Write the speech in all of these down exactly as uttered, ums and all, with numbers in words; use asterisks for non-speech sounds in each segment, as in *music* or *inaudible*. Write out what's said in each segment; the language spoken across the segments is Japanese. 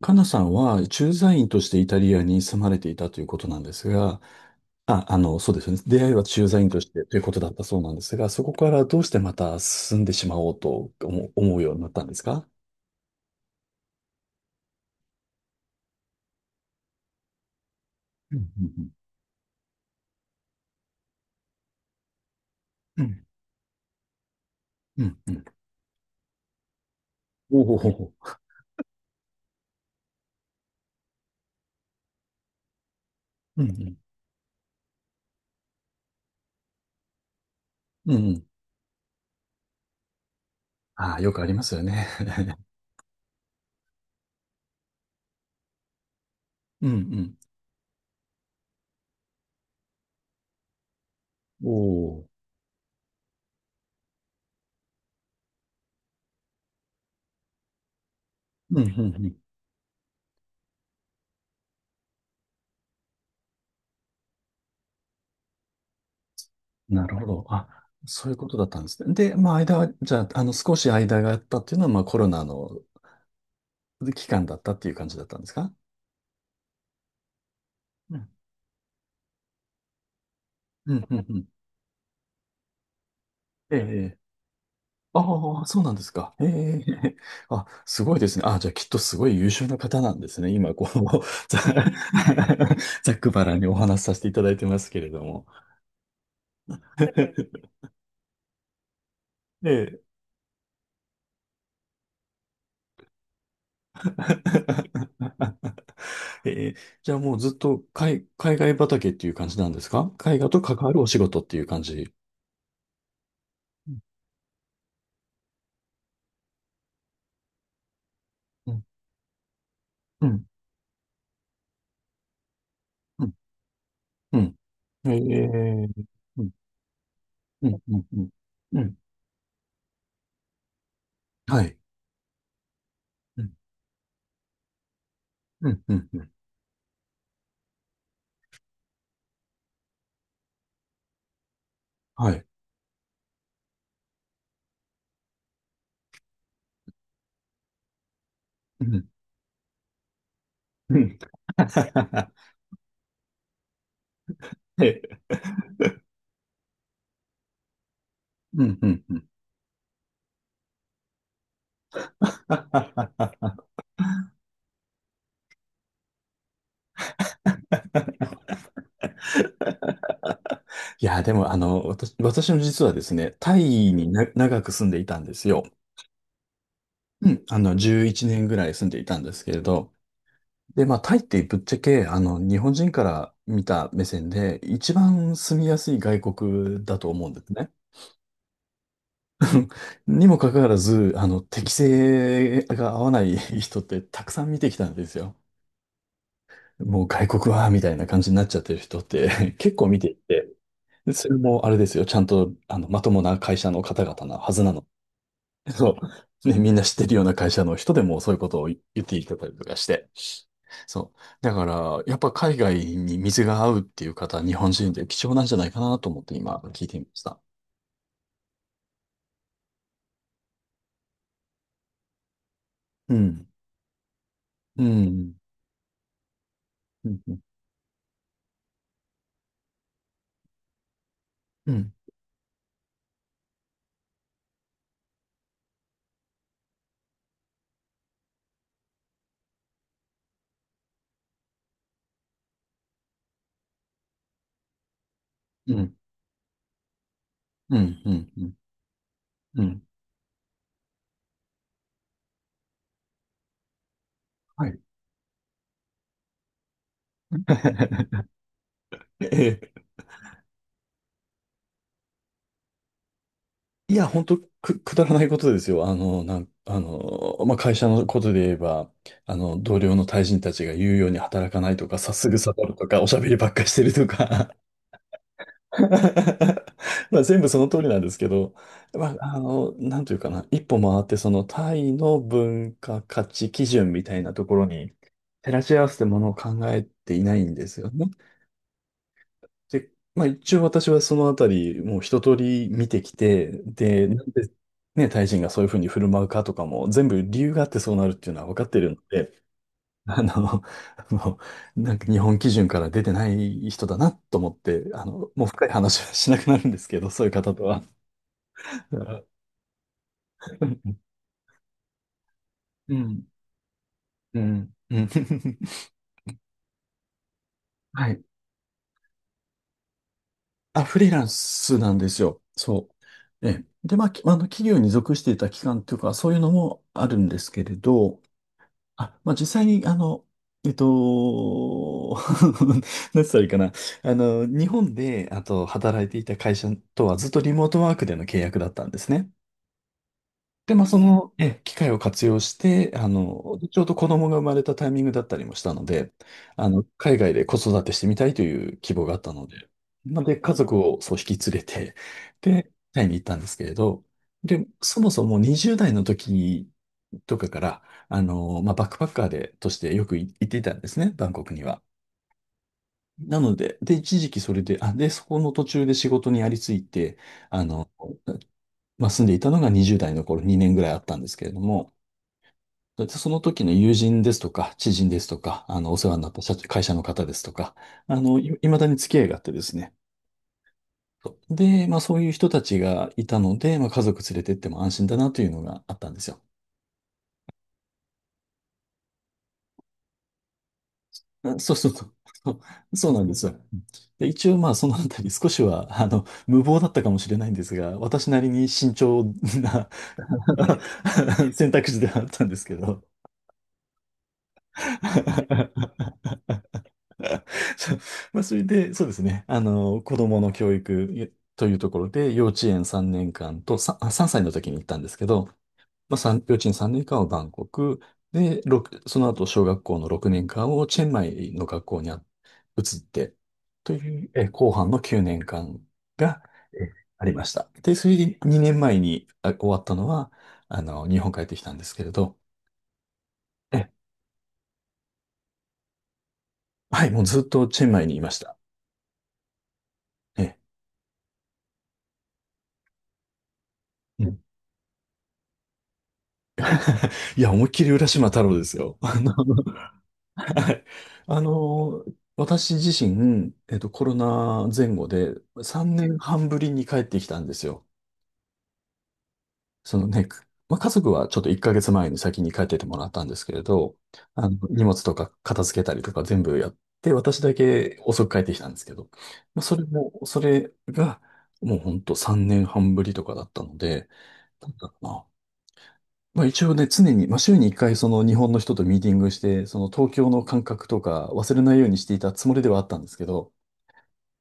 かなさんは駐在員としてイタリアに住まれていたということなんですが、あ、あの、そうですね。出会いは駐在員としてということだったそうなんですが、そこからどうしてまた住んでしまおうと思う、思うようになったんですか？うんうんうん。うんうんうん。おおほほほ。うんうん。うんうん。ああ、よくありますよね。*laughs* うんうん。おお。うんうんうん。なるほど。あ、そういうことだったんですね。で、まあ、間は、じゃあ、あの、少し間があったっていうのは、まあ、コロナの期間だったっていう感じだったんですか？うんうんうん。ええ。ああ、そうなんですか。ええ。*laughs* あ、すごいですね。あ、じゃあきっとすごい優秀な方なんですね。今、こう、ざ、*laughs* ざっくばらんにお話しさせていただいてますけれども。*laughs* ええ。ええ。じゃあもうずっと海、海外畑っていう感じなんですか？絵画と関わるお仕事っていう感じ。うん、うん、うん、うん。うん。ええ。うん、うん、うん、うん。うん。はい。うん、うん、うん。うん。はい。うん。*laughs* い。うんうんうん。 *laughs*。いや、でも、あの、私、私の実はですね、タイにな長く住んでいたんですよ。うん。あの、じゅういちねんぐらい住んでいたんですけれど。で、まあ、タイってぶっちゃけ、あの、日本人から見た目線で、一番住みやすい外国だと思うんですね。にもかかわらず、あの、適性が合わない人ってたくさん見てきたんですよ。もう外国は、みたいな感じになっちゃってる人って *laughs* 結構見ていて。でそれもあれですよ。ちゃんと、あの、まともな会社の方々なはずなの。そう。ね、みんな知ってるような会社の人でもそういうことを言っていただいたりとかして。そう。だから、やっぱ海外に水が合うっていう方、日本人で貴重なんじゃないかなと思って今聞いてみました。うん。うん。うん。うん。うん。うん。うん。うん。うん。はい。*laughs* いや、本当く、くだらないことですよ。あの、なん、あの、まあ、会社のことで言えば、あの、同僚の対人たちが言うように働かないとか、さすぐ下るとか、おしゃべりばっかりしてるとか。*laughs* まあ、全部その通りなんですけど、まあ、あの、なんというかな、一歩回って、そのタイの文化価値基準みたいなところに照らし合わせてものを考えていないんですよね。で、まあ一応私はそのあたり、もう一通り見てきて、で、なんでね、タイ人がそういうふうに振る舞うかとかも、全部理由があってそうなるっていうのは分かってるので、あの、*laughs* もう、なんか日本基準から出てない人だなと思って、あの、もう深い話はしなくなるんですけど、そういう方とは。だから、うん、うん、うん。*laughs* はい。あ、フリーランスなんですよ。そう。ええ。で、まあ、きあの、企業に属していた期間というか、そういうのもあるんですけれど、あ、まあ、実際に、あの、えっと、*laughs* 何つったらいいかな。あの、日本で、あと、働いていた会社とはずっとリモートワークでの契約だったんですね。で、まあ、その、ええ、機会を活用して、あの、ちょうど子供が生まれたタイミングだったりもしたので、あの、海外で子育てしてみたいという希望があったので、まあ、で、家族をそう引き連れて、で、タイに行ったんですけれど、で、そもそもにじゅう代の時とかから、あの、まあ、バックパッカーで、としてよくい行っていたんですね、バンコクには。なので、で、一時期それで、あ、で、そこの途中で仕事にありついて、あの、まあ、住んでいたのがにじゅう代の頃にねんぐらいあったんですけれども、で、その時の友人ですとか、知人ですとか、あの、お世話になった社会社の方ですとか、あの、い、未だに付き合いがあってですね。そう。で、まあそういう人たちがいたので、まあ家族連れてっても安心だなというのがあったんですよ。あ、そうそうそう。*laughs* そうそうなんですよ。で、一応まあそのあたり少しは、あの、無謀だったかもしれないんですが、私なりに慎重な *laughs* 選択肢ではあったんですけど。*laughs* *laughs* そう。まあ、それで、そうですね。あの、子供の教育というところで、幼稚園さんねんかんと、さんあさん歳の時に行ったんですけど、まあ、さん幼稚園さんねんかんはバンコク、で、ろくその後、小学校のろくねんかんをチェンマイの学校にあ移って、という、え、後半のきゅうねんかんが、えありました。で、それでにねんまえにあ終わったのは、あの、日本帰ってきたんですけれど、え、はい、もうずっとチェンマイにいました。え、いや、思いっきり浦島太郎ですよ。*laughs* あの、はい。あの、私自身、えっと、コロナ前後でさんねんはんぶりに帰ってきたんですよ。そのね、まあ、家族はちょっといっかげつまえに先に帰っててもらったんですけれど、あの、荷物とか片付けたりとか全部やって、私だけ遅く帰ってきたんですけど、まあ、それも、それが、もうほんとさんねんはんぶりとかだったので、なんだろうな。まあ一応ね、常に、まあしゅうにいっかいその日本の人とミーティングして、その東京の感覚とか忘れないようにしていたつもりではあったんですけど、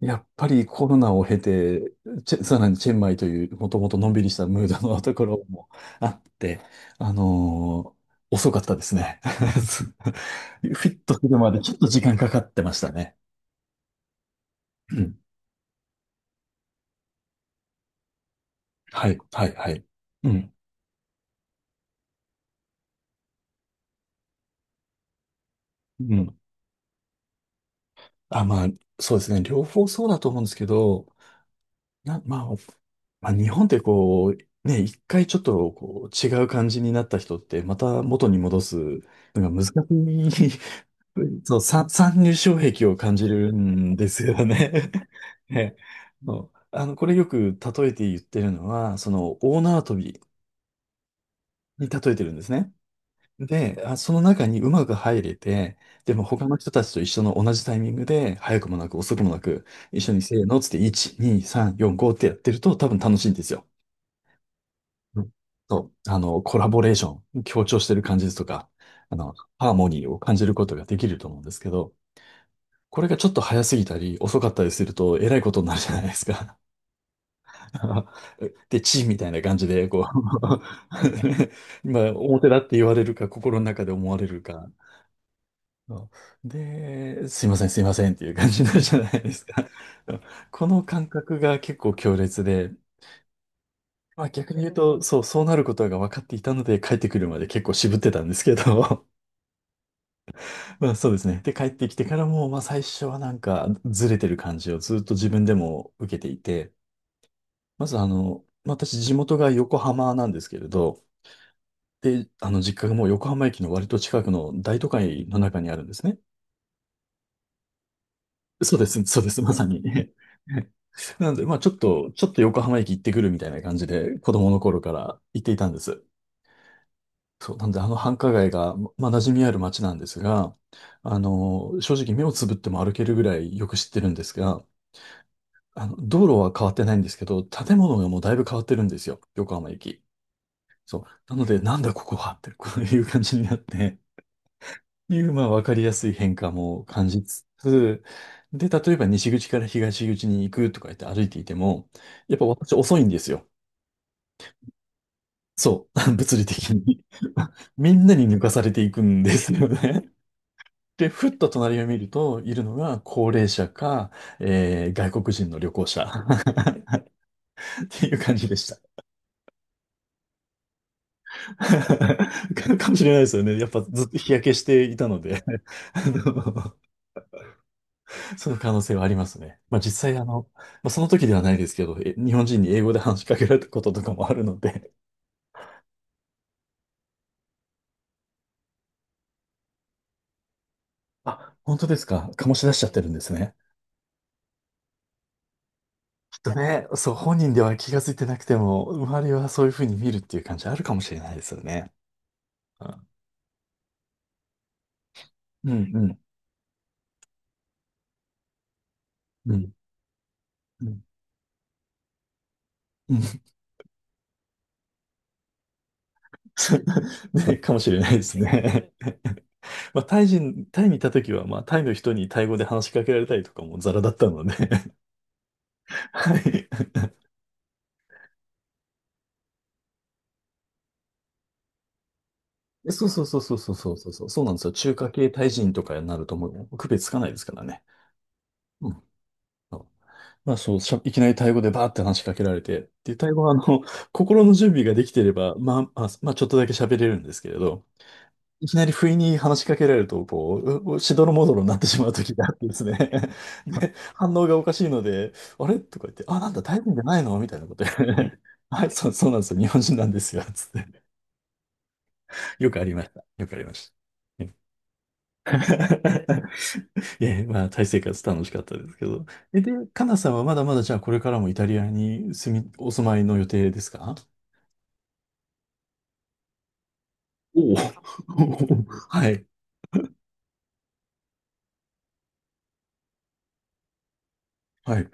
やっぱりコロナを経て、チェさらにチェンマイというもともとのんびりしたムードのところもあって、あのー遅かったですね。*laughs* フィットするまでちょっと時間かかってましたね。うん。はい、はい、はい。うん。うん。あ、まあ、そうですね。両方そうだと思うんですけど、な、まあ、まあ、日本ってこう、ね、一回ちょっとこう違う感じになった人って、また元に戻すのが難しい、*laughs* そう、さ参入障壁を感じるんですよね。*laughs* ね、そう、あの、これよく例えて言ってるのは、その、大縄跳びに例えてるんですね。で、あ、その中にうまく入れて、でも他の人たちと一緒の同じタイミングで、早くもなく遅くもなく、一緒にせーのっつって、いち、に、さん、よん、ごってやってると多分楽しいんですよ。うん。そう、あの、コラボレーション、強調してる感じとか、あの、ハーモニーを感じることができると思うんですけど、これがちょっと早すぎたり遅かったりすると、えらいことになるじゃないですか。*laughs* で、チーみたいな感じで、こう *laughs* まあ、表だって言われるか、心の中で思われるか。で、すいません、すいませんっていう感じになるじゃないですか。この感覚が結構強烈で、まあ逆に言うと、そう、そうなることが分かっていたので、帰ってくるまで結構渋ってたんですけど、*laughs* まあそうですね。で、帰ってきてからも、まあ最初はなんかずれてる感じをずっと自分でも受けていて、まずあの、まあ私地元が横浜なんですけれど、で、あの実家がもう横浜駅の割と近くの大都会の中にあるんですね。そうです、そうです、まさに。*laughs* なので、まあちょっと、ちょっと横浜駅行ってくるみたいな感じで、子供の頃から行っていたんです。そう、なんであの繁華街が、ままあ、馴染みある街なんですが、あの、正直目をつぶっても歩けるぐらいよく知ってるんですが、あの、道路は変わってないんですけど、建物がもうだいぶ変わってるんですよ。横浜駅。そう。なので、なんだここはって、こういう感じになって、いう、まあ、わかりやすい変化も感じつつ、で、例えば西口から東口に行くとか言って歩いていても、やっぱ私遅いんですよ。そう。*laughs* 物理的に *laughs* みんなに抜かされていくんですよね。で、ふっと隣を見ると、いるのが高齢者か、えー外国人の旅行者 *laughs* っていう感じでした。*laughs* かもしれないですよね。やっぱずっと日焼けしていたので *laughs* あの、その可能性はありますね。まあ実際あの、まあ、その時ではないですけど、え日本人に英語で話しかけられたこととかもあるので、あ、本当ですか。醸し出しちゃってるんですね。きっとね、そう、本人では気がついてなくても、周りはそういうふうに見るっていう感じあるかもしれないですよね。うんうんうん。うんうんうん。 *laughs* ね、かもしれないですね。*laughs* まあ、タイ人、タイにいた時は、まあ、タイの人にタイ語で話しかけられたりとかもザラだったので *laughs* はい。えそうそうそうそうそうそうそうそう、そうなんですよ。中華系タイ人とかになるともう区別つかないですからね。うん。そう、まあそう、しゃいきなりタイ語でバーって話しかけられて、で、タイ語はあの、心の準備ができてれば、まあ、まあ、まあ、ちょっとだけ喋れるんですけれど、いきなり不意に話しかけられると、こう、ううしどろもどろになってしまう時があってですね。*laughs* で、反応がおかしいので、あれとか言って、あ、なんだ、大変じゃないのみたいなこと言って *laughs* はい、そう、そうなんですよ。日本人なんですよ。つって。よくありました。よくありました。*laughs* え、まあ、タイ生活楽しかったですけど。え、で、カナさんはまだまだじゃあこれからもイタリアに住み、お住まいの予定ですか？おお。*laughs* はい。はい。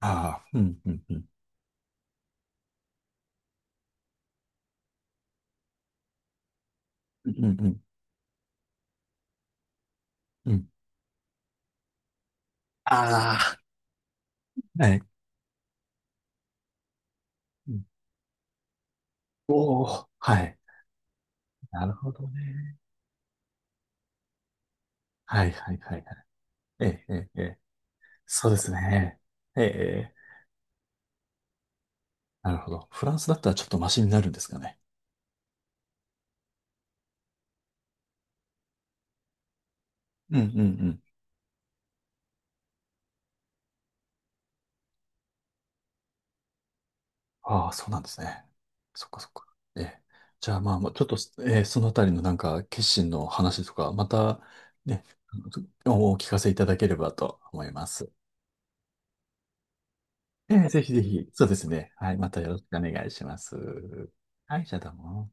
ああ、うん、うん、うん。うん、うん、うん。ああ。はい。おお、はい。なるほどね。はいはいはいはい。ええ、ええ、ええ、そうですね。ええ、ええ、なるほど。フランスだったらちょっとマシになるんですかね。うんうんうん。ああ、そうなんですね。そっかそっか。ええ。じゃあまあ、まあちょっと、ええ、そのあたりのなんか決心の話とか、またね、おお聞かせいただければと思います。ええ、ぜひぜひ。そうですね。はい、またよろしくお願いします。はい、じゃあどうも。